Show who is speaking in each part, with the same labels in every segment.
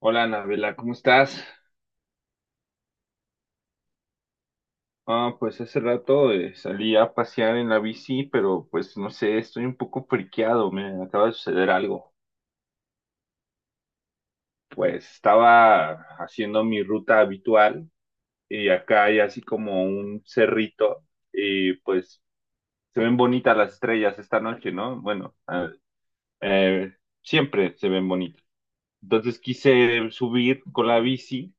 Speaker 1: Hola, Anabela, ¿cómo estás? Ah, pues hace rato salí a pasear en la bici, pero pues no sé, estoy un poco friqueado, me acaba de suceder algo. Pues estaba haciendo mi ruta habitual y acá hay así como un cerrito y pues se ven bonitas las estrellas esta noche, ¿no? Bueno, eh, siempre se ven bonitas. Entonces quise subir con la bici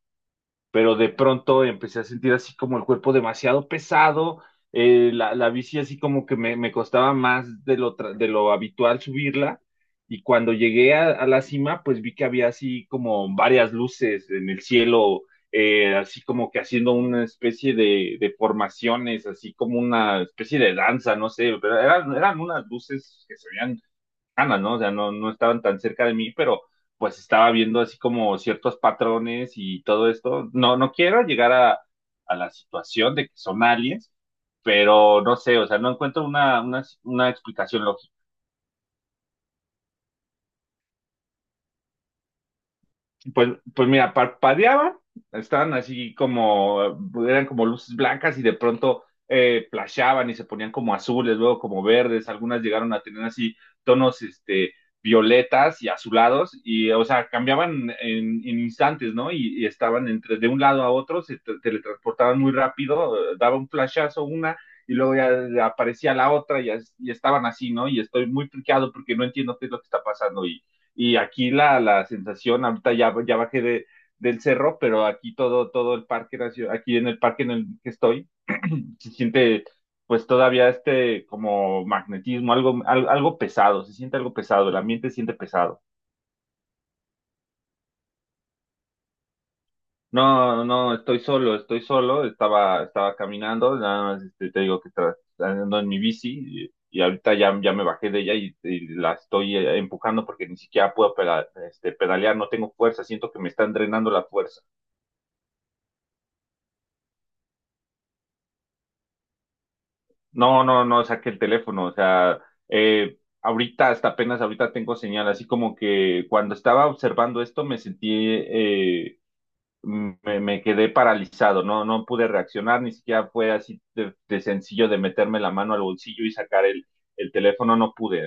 Speaker 1: pero de pronto empecé a sentir así como el cuerpo demasiado pesado, la bici así como que me costaba más de de lo habitual subirla, y cuando llegué a la cima, pues vi que había así como varias luces en el cielo, así como que haciendo una especie de formaciones, así como una especie de danza, no sé, pero eran unas luces que se veían cercanas, ¿no? O sea, no estaban tan cerca de mí, pero pues estaba viendo así como ciertos patrones y todo esto. No, no quiero llegar a la situación de que son aliens, pero no sé, o sea, no encuentro una explicación. Pues, pues mira, parpadeaban, estaban así como, eran como luces blancas y de pronto flashaban y se ponían como azules, luego como verdes, algunas llegaron a tener así tonos este, violetas y azulados, y o sea, cambiaban en instantes, ¿no? Y estaban entre, de un lado a otro, teletransportaban muy rápido, daba un flashazo una y luego ya aparecía la otra y estaban así, ¿no? Y estoy muy friqueado porque no entiendo qué es lo que está pasando y aquí la sensación, ahorita ya bajé del cerro, pero aquí todo el parque, aquí en el parque en el que estoy, se siente pues todavía este como magnetismo, algo pesado, se siente algo pesado, el ambiente se siente pesado. No, no, estoy solo, estaba, estaba caminando, nada más este, te digo que estaba andando en mi bici y ahorita ya me bajé de ella y la estoy empujando porque ni siquiera pedalear, no tengo fuerza, siento que me están drenando la fuerza. No, no, no saqué el teléfono, o sea, ahorita, hasta apenas ahorita tengo señal, así como que cuando estaba observando esto me sentí, me quedé paralizado, no, no pude reaccionar, ni siquiera fue así de sencillo de meterme la mano al bolsillo y sacar el teléfono, no pude.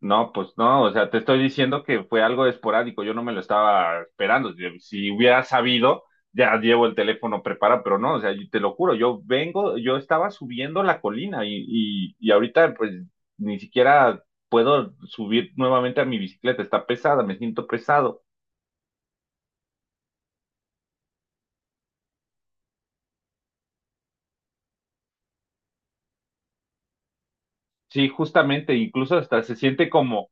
Speaker 1: No, pues no, o sea, te estoy diciendo que fue algo esporádico, yo no me lo estaba esperando. Si si hubiera sabido, ya llevo el teléfono preparado, pero no, o sea, y te lo juro, yo vengo, yo estaba subiendo la colina y ahorita pues ni siquiera puedo subir nuevamente a mi bicicleta, está pesada, me siento pesado. Sí, justamente, incluso hasta se siente como,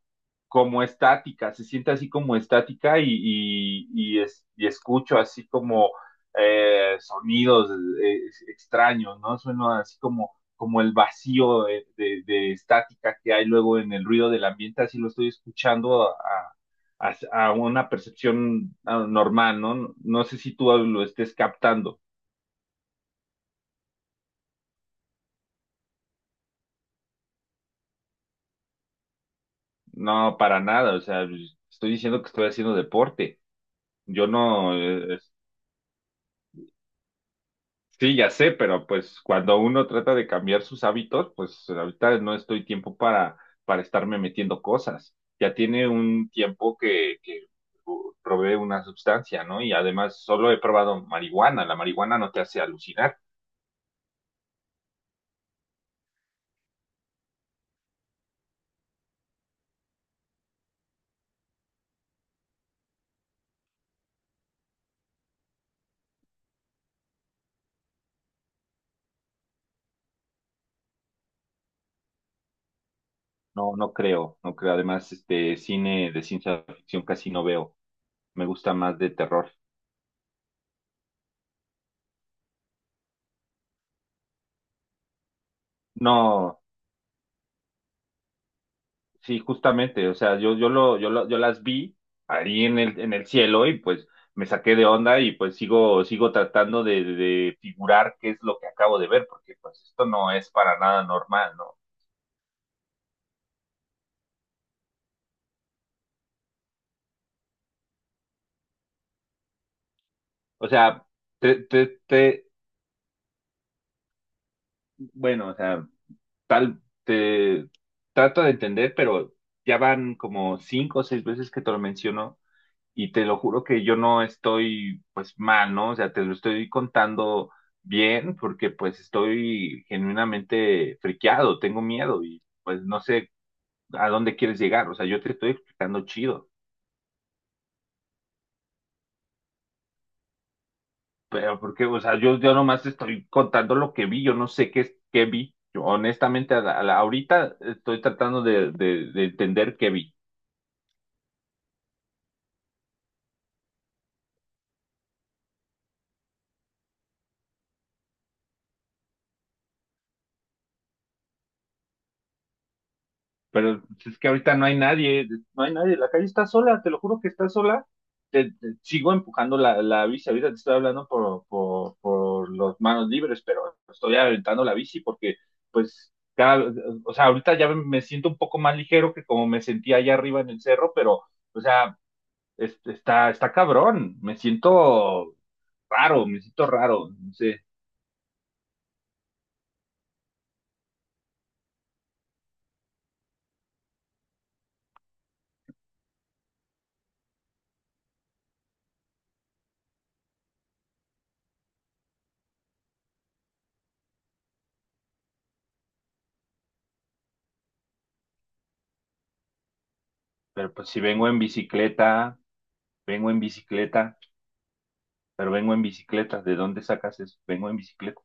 Speaker 1: como estática, se siente así como estática y escucho así como sonidos eh, extraños, ¿no? Suena así como, como el vacío de estática que hay luego en el ruido del ambiente, así lo estoy escuchando a una percepción normal, ¿no? No sé si tú lo estés captando. No, para nada, o sea, estoy diciendo que estoy haciendo deporte. Yo no, eh. Sí, ya sé, pero pues cuando uno trata de cambiar sus hábitos, pues ahorita no estoy tiempo para estarme metiendo cosas. Ya tiene un tiempo que probé una sustancia, ¿no? Y además solo he probado marihuana. La marihuana no te hace alucinar. No, no creo, no creo. Además, este cine de ciencia ficción casi no veo. Me gusta más de terror. No. Sí, justamente, o sea, yo las vi ahí en el cielo y pues me saqué de onda y pues sigo, sigo tratando de figurar qué es lo que acabo de ver, porque pues esto no es para nada normal, ¿no? O sea, te, te, te, bueno, o sea, te trato de entender, pero ya van como cinco o seis veces que te lo menciono y te lo juro que yo no estoy pues mal, ¿no? O sea, te lo estoy contando bien porque pues estoy genuinamente friqueado, tengo miedo y pues no sé a dónde quieres llegar, o sea, yo te estoy explicando chido, pero porque, o sea, yo nomás te estoy contando lo que vi, yo no sé qué vi, yo honestamente ahorita estoy tratando de entender qué vi. Pero es que ahorita no hay nadie, no hay nadie, la calle está sola, te lo juro que está sola. Sigo empujando la bici, ahorita te estoy hablando por los manos libres, pero estoy aventando la bici porque, pues, cada, o sea, ahorita ya me siento un poco más ligero que como me sentía allá arriba en el cerro, pero, o sea, está, está cabrón, me siento raro, no sé, pero pues si vengo en bicicleta, vengo en bicicleta. Pero vengo en bicicleta. ¿De dónde sacas eso? Vengo en bicicleta.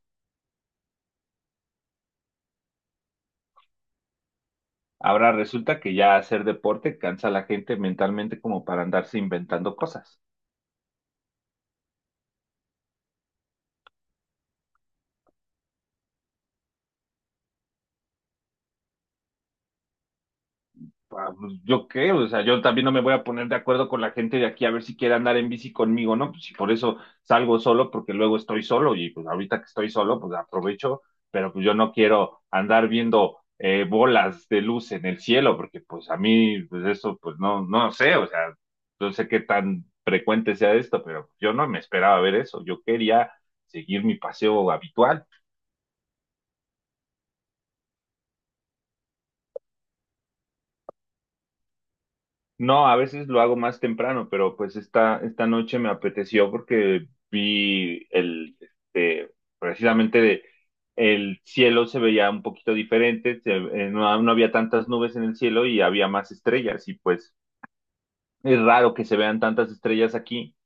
Speaker 1: Ahora resulta que ya hacer deporte cansa a la gente mentalmente como para andarse inventando cosas. Ah, pues, ¿yo qué? O sea, yo también no me voy a poner de acuerdo con la gente de aquí a ver si quiere andar en bici conmigo, ¿no? Pues si por eso salgo solo, porque luego estoy solo y pues ahorita que estoy solo, pues aprovecho, pero pues yo no quiero andar viendo bolas de luz en el cielo, porque pues a mí, pues eso, pues no, no sé, o sea, no sé qué tan frecuente sea esto, pero yo no me esperaba ver eso, yo quería seguir mi paseo habitual. No, a veces lo hago más temprano, pero pues esta noche me apeteció porque vi el, este, precisamente de- el cielo se veía un poquito diferente, no, no había tantas nubes en el cielo y había más estrellas y pues es raro que se vean tantas estrellas aquí.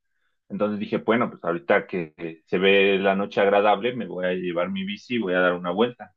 Speaker 1: Entonces dije, bueno, pues ahorita que se ve la noche agradable, me voy a llevar mi bici y voy a dar una vuelta.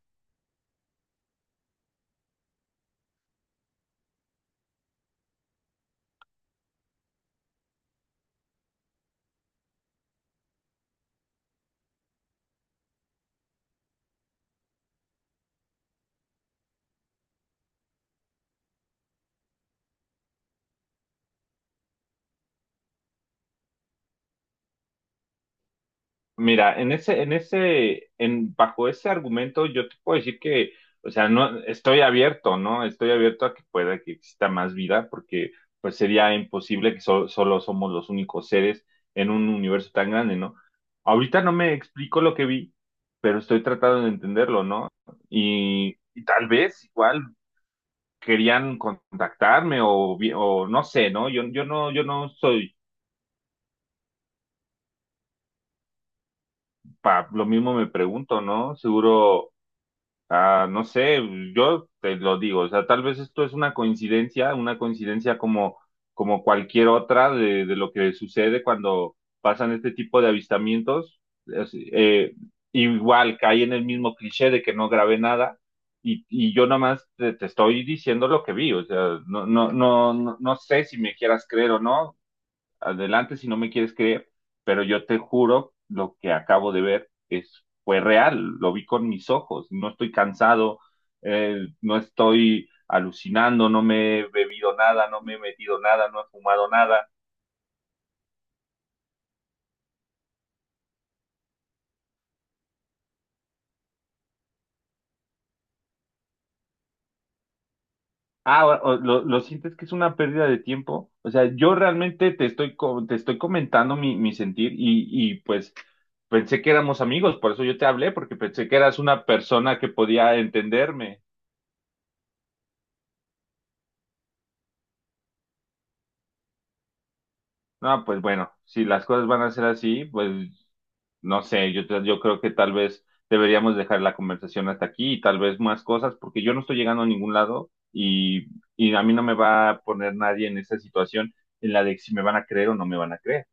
Speaker 1: Mira, bajo ese argumento, yo te puedo decir que, o sea, no, estoy abierto, ¿no? Estoy abierto a que pueda que exista más vida, porque pues sería imposible que solo somos los únicos seres en un universo tan grande, ¿no? Ahorita no me explico lo que vi, pero estoy tratando de entenderlo, ¿no? Y tal vez igual querían contactarme o no sé, ¿no? Yo no soy, pa, lo mismo me pregunto, ¿no? Seguro. Ah, no sé, yo te lo digo, o sea, tal vez esto es una coincidencia como, como cualquier otra de lo que sucede cuando pasan este tipo de avistamientos. Es- eh, Igual cae en el mismo cliché de que no grabé nada y, y yo nomás te estoy diciendo lo que vi, o sea, no sé si me quieras creer o no, adelante si no me quieres creer, pero yo te juro, lo que acabo de ver es, fue real, lo vi con mis ojos, no estoy cansado, no estoy alucinando, no me he bebido nada, no me he metido nada, no he fumado nada. Ah, lo sientes que es una pérdida de tiempo. O sea, yo realmente te estoy comentando mi sentir y pues pensé que éramos amigos, por eso yo te hablé, porque pensé que eras una persona que podía entenderme. No, pues bueno, si las cosas van a ser así, pues no sé, yo creo que tal vez deberíamos dejar la conversación hasta aquí y tal vez más cosas, porque yo no estoy llegando a ningún lado y a mí no me va a poner nadie en esa situación en la de si me van a creer o no me van a creer.